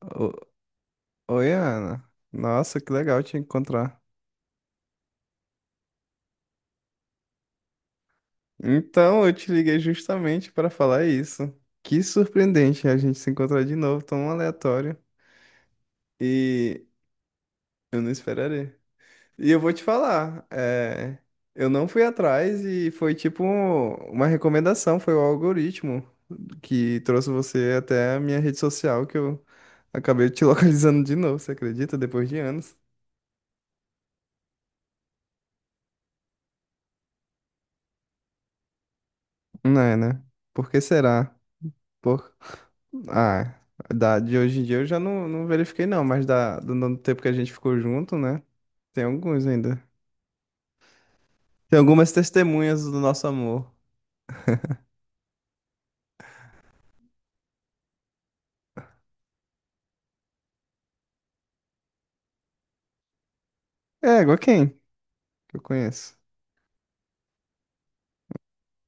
O- Oi, Ana. Nossa, que legal te encontrar. Então, eu te liguei justamente para falar isso. Que surpreendente a gente se encontrar de novo, tão aleatório. E eu não esperaria. E eu vou te falar, eu não fui atrás e foi tipo uma recomendação, foi o algoritmo que trouxe você até a minha rede social que eu acabei te localizando de novo, você acredita? Depois de anos. Não é, né? Por que será? Pô. Ah, de hoje em dia eu já não verifiquei não, mas do tempo que a gente ficou junto, né? Tem alguns ainda. Tem algumas testemunhas do nosso amor. É, igual quem que eu conheço?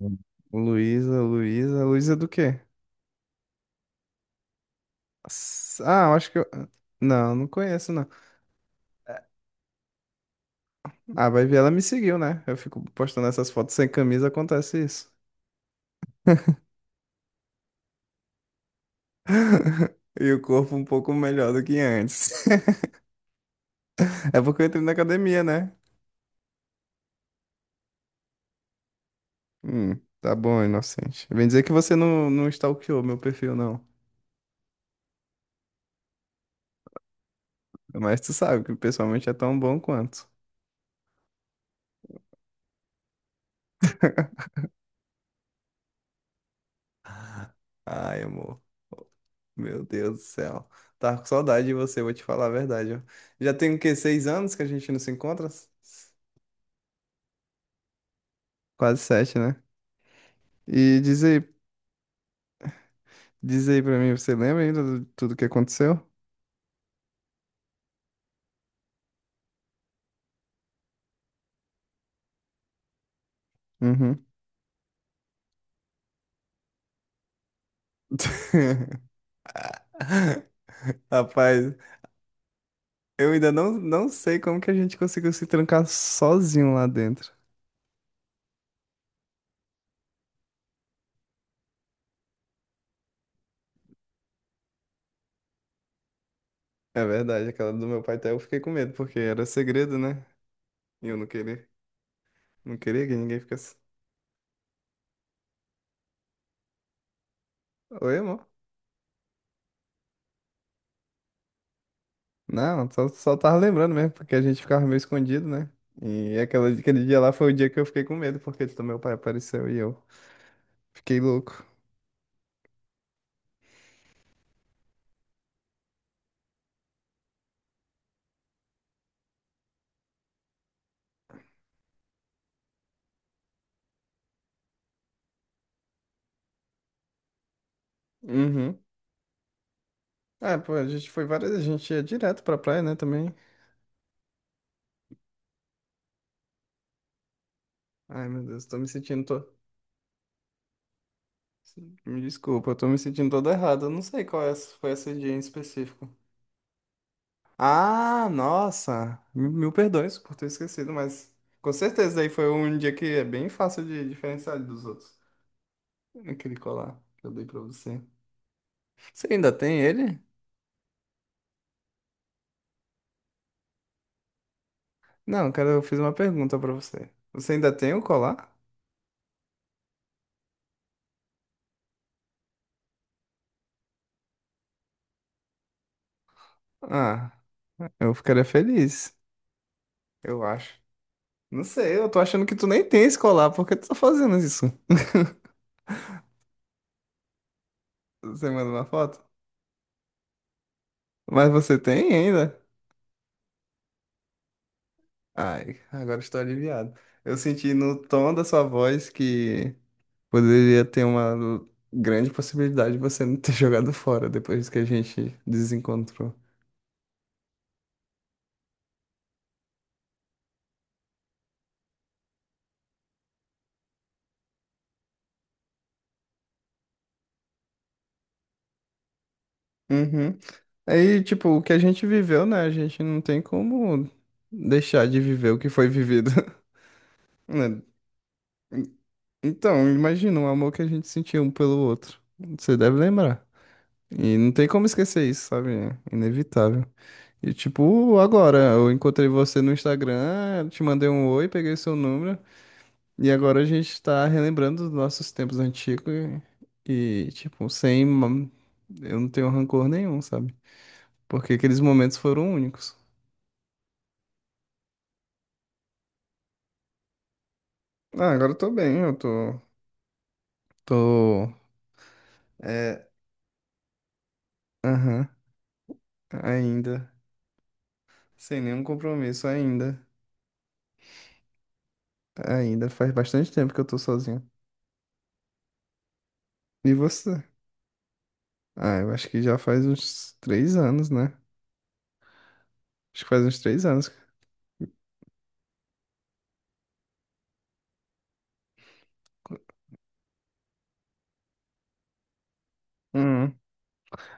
Hum. Luísa é do quê? Ah, eu acho que eu... Não, não conheço não. Ah, vai ver, ela me seguiu, né? Eu fico postando essas fotos sem camisa, acontece isso. E o corpo um pouco melhor do que antes. É porque eu entrei na academia, né? Hum, tá bom, inocente. Vem dizer que você não stalkeou meu perfil, não. Mas tu sabe que pessoalmente é tão bom quanto. Ai, amor. Meu Deus do céu. Tava com saudade de você, vou te falar a verdade. Ó. Já tem o quê? 6 anos que a gente não se encontra? Quase sete, né? E diz aí pra mim, você lembra ainda de tudo que aconteceu? Uhum. Rapaz, eu ainda não sei como que a gente conseguiu se trancar sozinho lá dentro. É verdade, aquela do meu pai até eu fiquei com medo, porque era segredo, né? E eu não queria, não queria que ninguém ficasse. Oi, amor? Não, só tava lembrando mesmo, porque a gente ficava meio escondido, né? E aquele dia lá foi o dia que eu fiquei com medo, porque do meu pai apareceu e eu fiquei louco. Uhum. Ah, pô, a gente foi várias, a gente ia direto pra praia, né, também. Ai, meu Deus, tô me sentindo, tô... Me desculpa, eu tô me sentindo todo errado, eu não sei qual é, foi esse dia em específico. Ah, nossa! Mil perdões por ter esquecido, mas com certeza aí foi um dia que é bem fácil de diferenciar dos outros. Aquele colar que eu dei pra você. Você ainda tem ele? Não, cara, eu fiz uma pergunta pra você. Você ainda tem o colar? Ah, eu ficaria feliz, eu acho. Não sei, eu tô achando que tu nem tem esse colar, por que tu tá fazendo isso? Você manda uma foto? Mas você tem ainda? Ai, agora estou aliviado. Eu senti no tom da sua voz que poderia ter uma grande possibilidade de você não ter jogado fora depois que a gente desencontrou. Uhum. Aí, tipo, o que a gente viveu, né? A gente não tem como deixar de viver o que foi vivido, né? Então, imagina o amor que a gente sentiu um pelo outro. Você deve lembrar. E não tem como esquecer isso, sabe? É inevitável. E, tipo, agora, eu encontrei você no Instagram, te mandei um oi, peguei seu número. E agora a gente tá relembrando dos nossos tempos antigos tipo, sem. Eu não tenho rancor nenhum, sabe? Porque aqueles momentos foram únicos. Ah, agora eu tô bem, eu tô. Tô. É. Aham. Ainda. Sem nenhum compromisso, ainda. Ainda. Faz bastante tempo que eu tô sozinho. E você? Ah, eu acho que já faz uns 3 anos, né? Acho que faz uns 3 anos. Hum.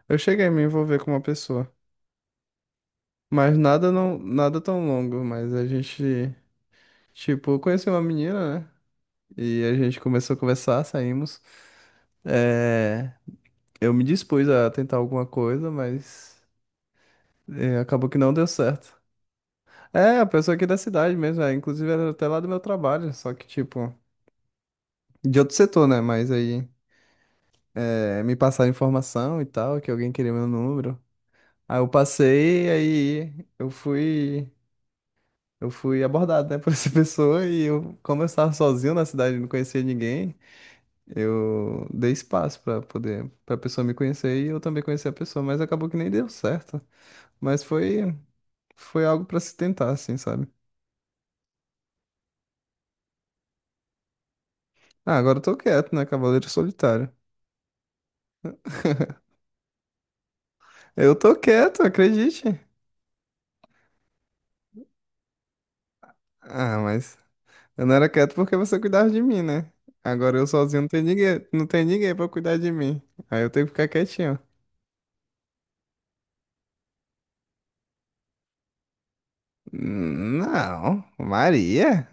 Eu cheguei a me envolver com uma pessoa. Mas nada tão longo, mas a gente... Tipo, eu conheci uma menina, né? E a gente começou a conversar, saímos. É, eu me dispus a tentar alguma coisa, mas é, acabou que não deu certo. É, a pessoa aqui da cidade mesmo, é, inclusive era até lá do meu trabalho, só que tipo, de outro setor, né? Mas aí é, me passaram informação e tal, que alguém queria meu número. Aí eu passei, aí eu fui abordado, né, por essa pessoa e eu, como eu estava sozinho na cidade, não conhecia ninguém. Eu dei espaço pra poder para pessoa me conhecer e eu também conhecer a pessoa, mas acabou que nem deu certo. Mas foi algo pra se tentar, assim, sabe? Ah, agora eu tô quieto, né, Cavaleiro Solitário? Eu tô quieto, acredite. Ah, mas eu não era quieto porque você cuidava de mim, né? Agora eu sozinho não tem ninguém, não tem ninguém para cuidar de mim. Aí eu tenho que ficar quietinho. Não, Maria?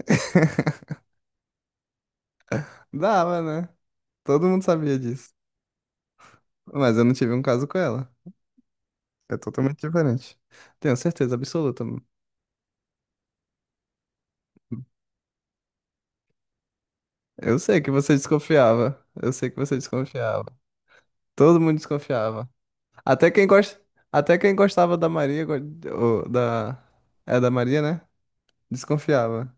Dava, né? Todo mundo sabia disso. Mas eu não tive um caso com ela. É totalmente diferente. Tenho certeza absoluta. Eu sei que você desconfiava. Eu sei que você desconfiava. Todo mundo desconfiava. Até quem gosta, até quem gostava da Maria, ou da é da Maria, né? Desconfiava.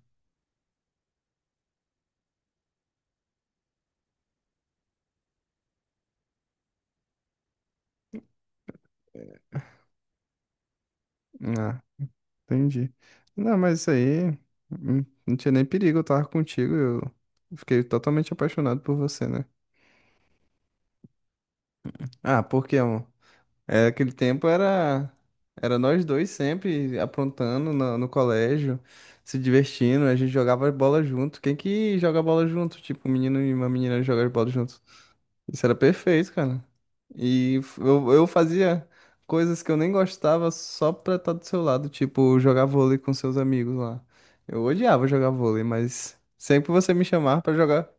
Ah, entendi. Não, mas isso aí não tinha nem perigo, eu tava contigo, eu fiquei totalmente apaixonado por você, né? Ah, por quê? É, aquele tempo era era nós dois sempre aprontando no colégio, se divertindo, a gente jogava bola junto. Quem que joga bola junto? Tipo, um menino e uma menina jogam bola junto. Isso era perfeito, cara. E eu fazia coisas que eu nem gostava só pra estar do seu lado, tipo, jogar vôlei com seus amigos lá. Eu odiava jogar vôlei, mas sempre você me chamava pra jogar.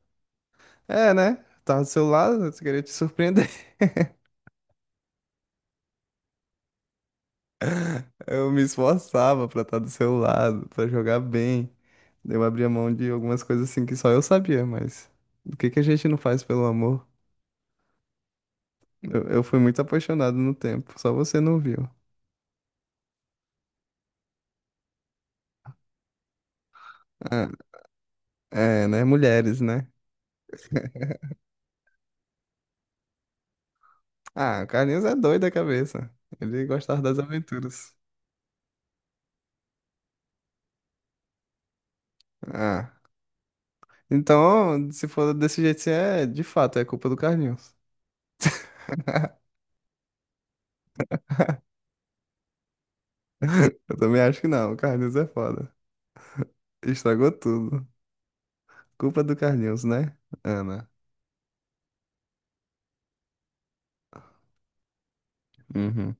É, né? Tava do seu lado, eu queria te surpreender. Eu me esforçava pra estar do seu lado, pra jogar bem. Eu abria mão de algumas coisas assim que só eu sabia, mas o que que a gente não faz pelo amor? Eu fui muito apaixonado no tempo, só você não viu. Ah, é, né? Mulheres, né? Ah, o Carlinhos é doido da cabeça. Ele gostava das aventuras. Ah, então, se for desse jeito, assim, é de fato, é culpa do Carlinhos. Eu também acho que não, o Carlinhos é foda. Estragou tudo. Culpa do Carlinhos, né, Ana? Uhum.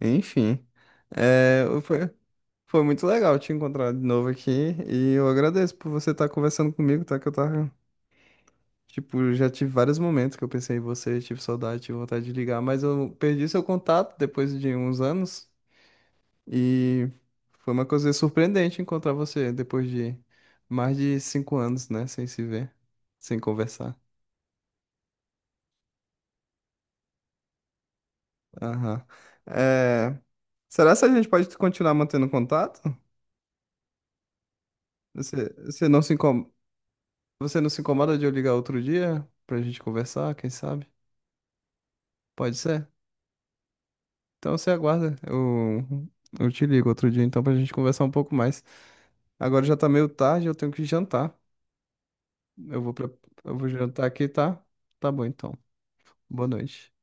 Enfim, é, foi muito legal te encontrar de novo aqui e eu agradeço por você estar conversando comigo, tá? Que eu tava, tipo, já tive vários momentos que eu pensei em você, tive saudade, tive vontade de ligar, mas eu perdi seu contato depois de uns anos e foi uma coisa surpreendente encontrar você depois de mais de 5 anos, né? Sem se ver, sem conversar. Aham. É, será que a gente pode continuar mantendo contato? Você, você não se incomoda? Você não se incomoda de eu ligar outro dia pra gente conversar, quem sabe? Pode ser? Então você aguarda. Eu te ligo outro dia então pra gente conversar um pouco mais. Agora já tá meio tarde, eu tenho que jantar. Eu vou, pre- eu vou jantar aqui, tá? Tá bom então. Boa noite.